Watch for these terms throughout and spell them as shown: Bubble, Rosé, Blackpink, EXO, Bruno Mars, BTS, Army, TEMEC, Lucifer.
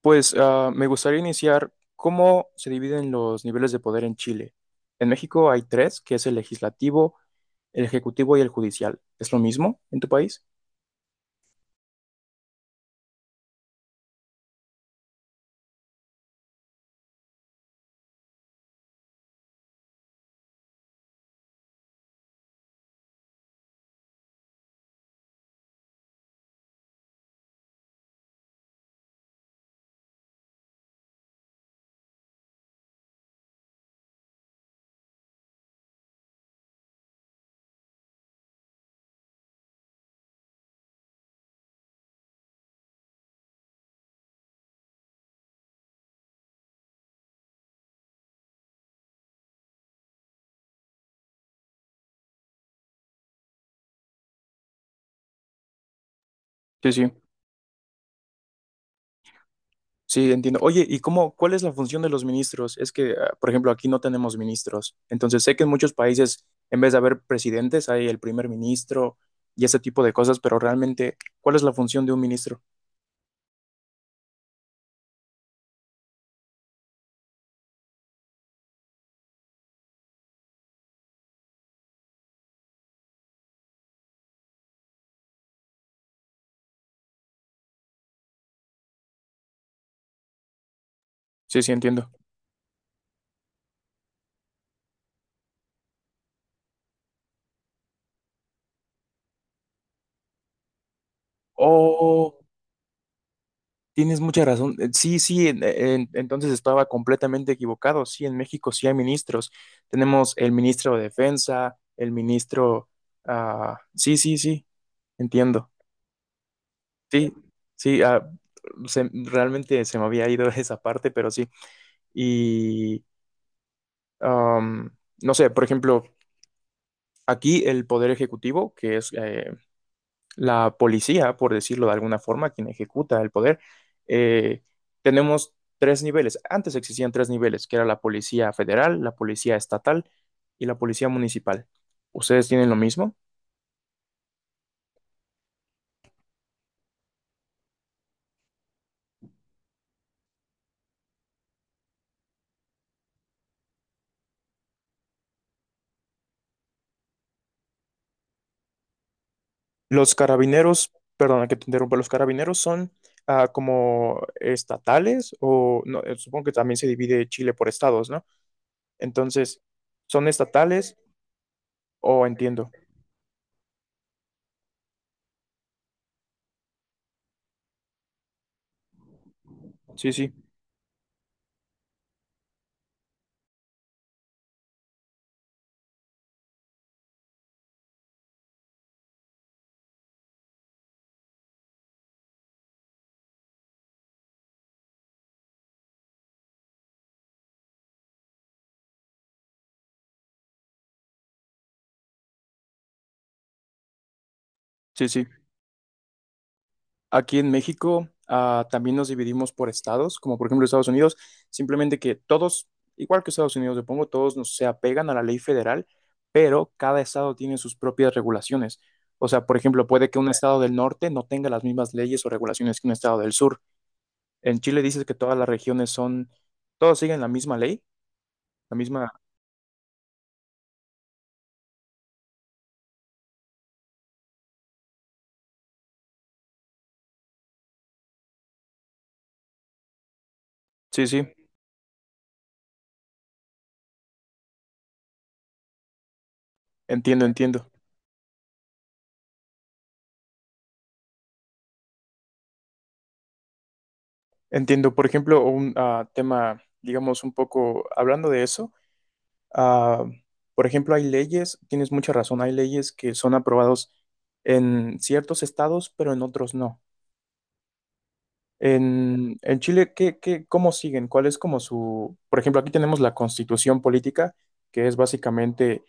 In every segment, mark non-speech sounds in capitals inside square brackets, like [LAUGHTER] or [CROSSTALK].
Me gustaría iniciar cómo se dividen los niveles de poder en Chile. En México hay tres, que es el legislativo, el ejecutivo y el judicial. ¿Es lo mismo en tu país? Sí, sí. Sí, entiendo. Oye, ¿cuál es la función de los ministros? Por ejemplo, aquí no tenemos ministros. Entonces, sé que en muchos países, en vez de haber presidentes, hay el primer ministro y ese tipo de cosas, pero realmente, ¿cuál es la función de un ministro? Sí, sí, entiendo. Oh, tienes mucha razón. Sí, sí, entonces estaba completamente equivocado. Sí, en México sí hay ministros. Tenemos el ministro de Defensa, el ministro... ah, sí, sí, sí, entiendo. Sí, sí, realmente se me había ido [LAUGHS] esa parte, pero sí. Y, am, no sé, por ejemplo, aquí el Poder Ejecutivo, que es la policía, por decirlo de alguna forma, quien ejecuta el poder, eh, tenemos tres niveles. Antes existían tres niveles, que era la policía federal, la policía estatal y la policía municipal. ¿Ustedes tienen lo mismo? Los carabineros, perdona que te interrumpa, los carabineros son como estatales o no, supongo que también se divide Chile por estados, ¿no? Entonces, ¿son estatales o entiendo? Sí, sí, sí, sí. Aquí en México, también nos dividimos por estados, como por ejemplo Estados Unidos, simplemente que todos, igual que Estados Unidos, supongo, se apegan a la ley federal, pero cada estado tiene sus propias regulaciones. O sea, por ejemplo, puede que un estado del norte no tenga las mismas leyes o regulaciones que un estado del sur. En Chile dices que todas las regiones son, todos siguen la misma ley, la misma... Sí, sí, entiendo, entiendo. Entiendo, por ejemplo, un tema, digamos, un poco hablando de eso. Ah, por ejemplo, hay leyes, tienes mucha razón, hay leyes que son aprobados en ciertos estados, pero en otros no. En Chile, ¿cómo siguen? ¿Cuál es como su... Por ejemplo, aquí tenemos la constitución política, que es básicamente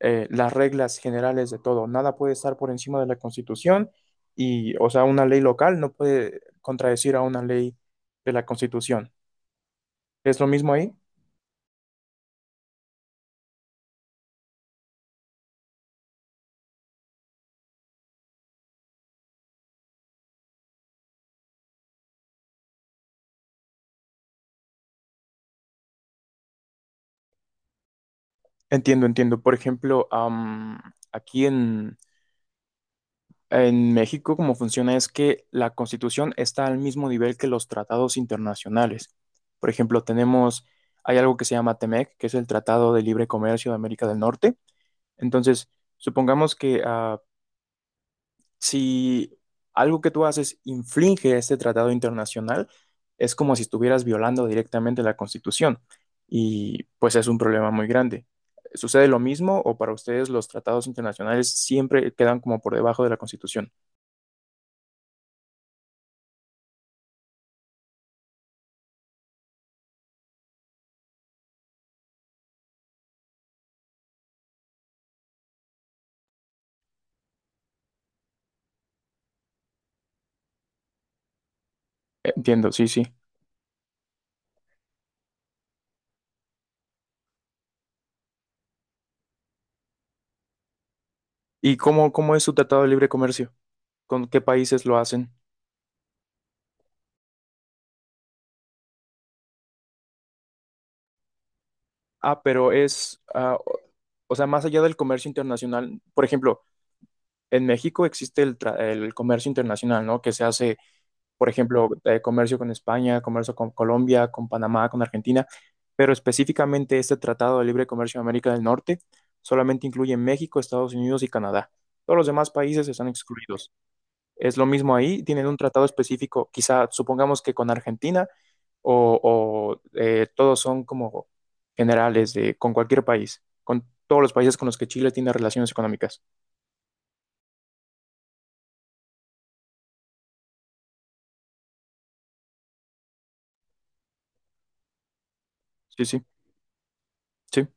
las reglas generales de todo. Nada puede estar por encima de la constitución y, o sea, una ley local no puede contradecir a una ley de la constitución. ¿Es lo mismo ahí? Entiendo, entiendo. Por ejemplo, aquí en México, como funciona es que la Constitución está al mismo nivel que los tratados internacionales. Por ejemplo, tenemos, hay algo que se llama TEMEC, que es el Tratado de Libre Comercio de América del Norte. Entonces, supongamos que si algo que tú haces infringe este tratado internacional, es como si estuvieras violando directamente la Constitución y pues es un problema muy grande. ¿Sucede lo mismo o para ustedes los tratados internacionales siempre quedan como por debajo de la Constitución? Entiendo, sí, sí. ¿Cómo es su tratado de libre comercio? ¿Con qué países lo hacen? Ah, pero es, ah, o O sea, más allá del comercio internacional, por ejemplo, en México existe el comercio internacional, ¿no? Que se hace por ejemplo, comercio con España, comercio con Colombia, con Panamá, con Argentina, pero específicamente este Tratado de Libre Comercio en América del Norte solamente incluye México, Estados Unidos y Canadá. Todos los demás países están excluidos. Es lo mismo ahí, tienen un tratado específico, quizá supongamos que con Argentina o, o todos son como generales de, con cualquier país, con todos los países con los que Chile tiene relaciones económicas. Sí, sí, sí.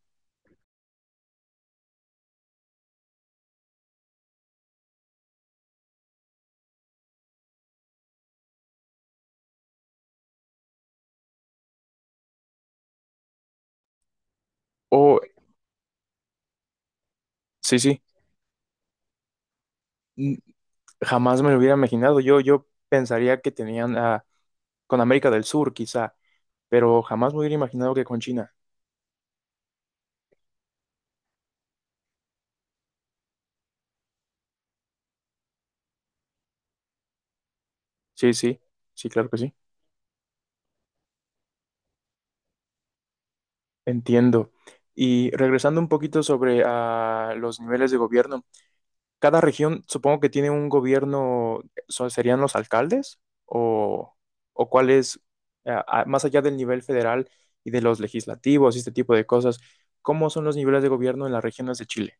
O, sí, sí. Jamás me lo hubiera imaginado. Yo pensaría que tenían con América del Sur, quizá, pero jamás me hubiera imaginado que con China. Sí, sí, sí, claro que sí. Entiendo. Y regresando un poquito sobre los niveles de gobierno, cada región supongo que tiene un gobierno, ¿serían los alcaldes? ¿O, o cuál es, más allá del nivel federal y de los legislativos y este tipo de cosas, ¿cómo son los niveles de gobierno en las regiones de Chile?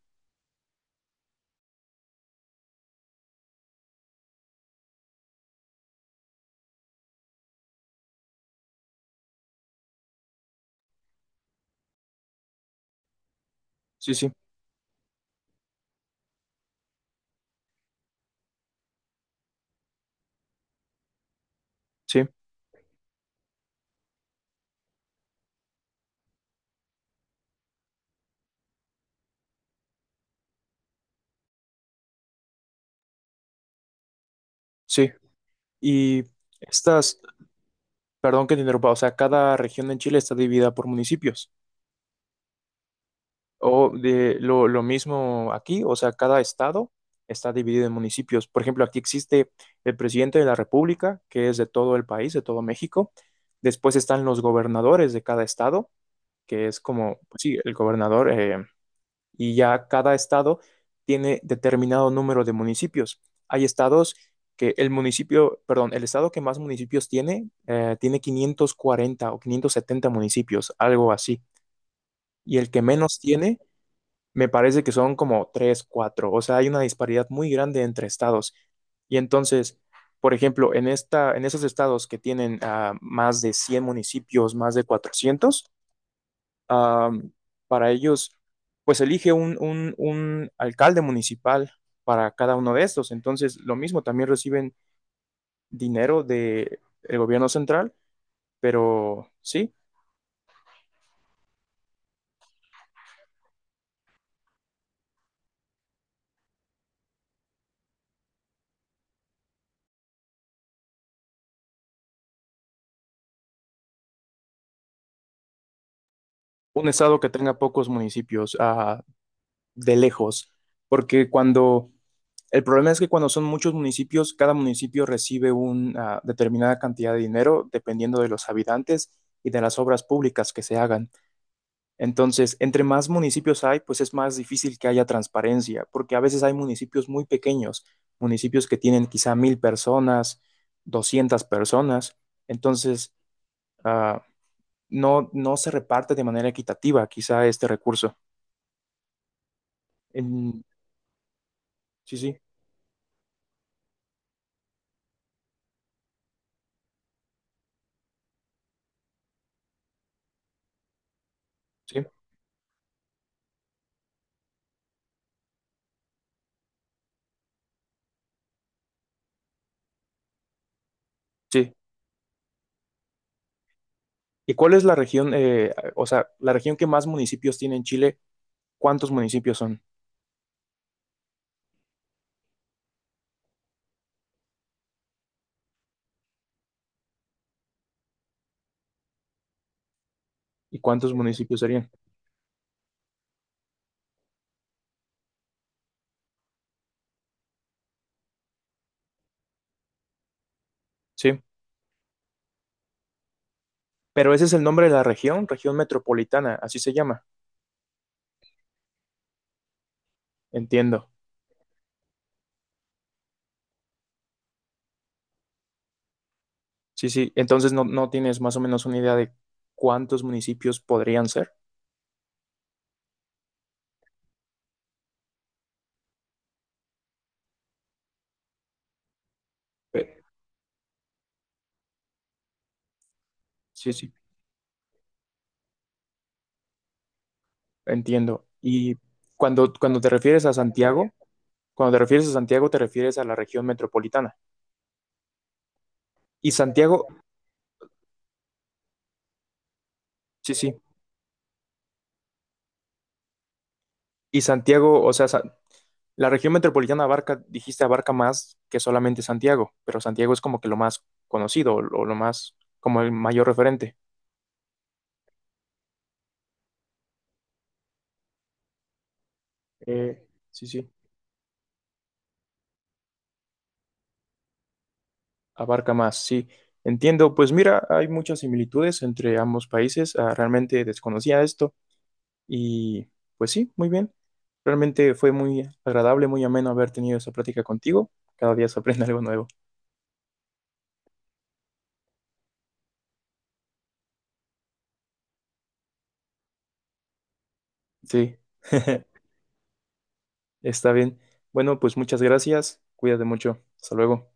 Sí, sí, sí, sí. Y... Estas, perdón que te interrumpa, o sea, cada región en Chile está dividida por municipios. O de lo mismo aquí, o sea, cada estado está dividido en municipios. Por ejemplo, aquí existe el presidente de la República, que es de todo el país, de todo México. Después están los gobernadores de cada estado, que es como, pues sí, el gobernador. Y ya cada estado tiene determinado número de municipios. Hay estados que el municipio, perdón, el estado que más municipios tiene, tiene 540 o 570 municipios, algo así. Y el que menos tiene, me parece que son como 3, 4. O sea, hay una disparidad muy grande entre estados. Y entonces, por ejemplo, en esos estados que tienen más de 100 municipios, más de 400 am, para ellos, pues elige un alcalde municipal para cada uno de estos. Entonces, lo mismo, también reciben dinero del gobierno central, pero sí, un estado que tenga pocos municipios, de lejos, porque cuando, el problema es que cuando son muchos municipios, cada municipio recibe una determinada cantidad de dinero dependiendo de los habitantes y de las obras públicas que se hagan. Entonces, entre más municipios hay, pues es más difícil que haya transparencia, porque a veces hay municipios muy pequeños, municipios que tienen quizá 1.000 personas, 200 personas, entonces ah, no, no se reparte de manera equitativa quizá este recurso. En- sí, sí, sí, sí. ¿Y cuál es la región, o sea, la región que más municipios tiene en Chile? ¿Cuántos municipios son? ¿Y cuántos municipios serían? Sí, pero ese es el nombre de la región, región metropolitana, así se llama, entiendo. Sí, sí. Entonces no, no tienes más o menos una idea de cuántos municipios podrían ser. Eh, Sí, sí, entiendo. Y cuando te refieres a Santiago, cuando te refieres a Santiago, te refieres a la región metropolitana. Y Santiago, sí, sí. Y Santiago, la región metropolitana abarca, dijiste, abarca más que solamente Santiago, pero Santiago es como que lo más conocido o lo más, como el mayor referente. Sí, sí. Abarca más, sí. Entiendo, pues mira, hay muchas similitudes entre ambos países. Realmente desconocía esto y pues sí, muy bien. Realmente fue muy agradable, muy ameno haber tenido esa plática contigo. Cada día se aprende [LAUGHS] algo nuevo. Sí, [LAUGHS] está bien. Bueno, pues muchas gracias. Cuídate mucho. Hasta luego.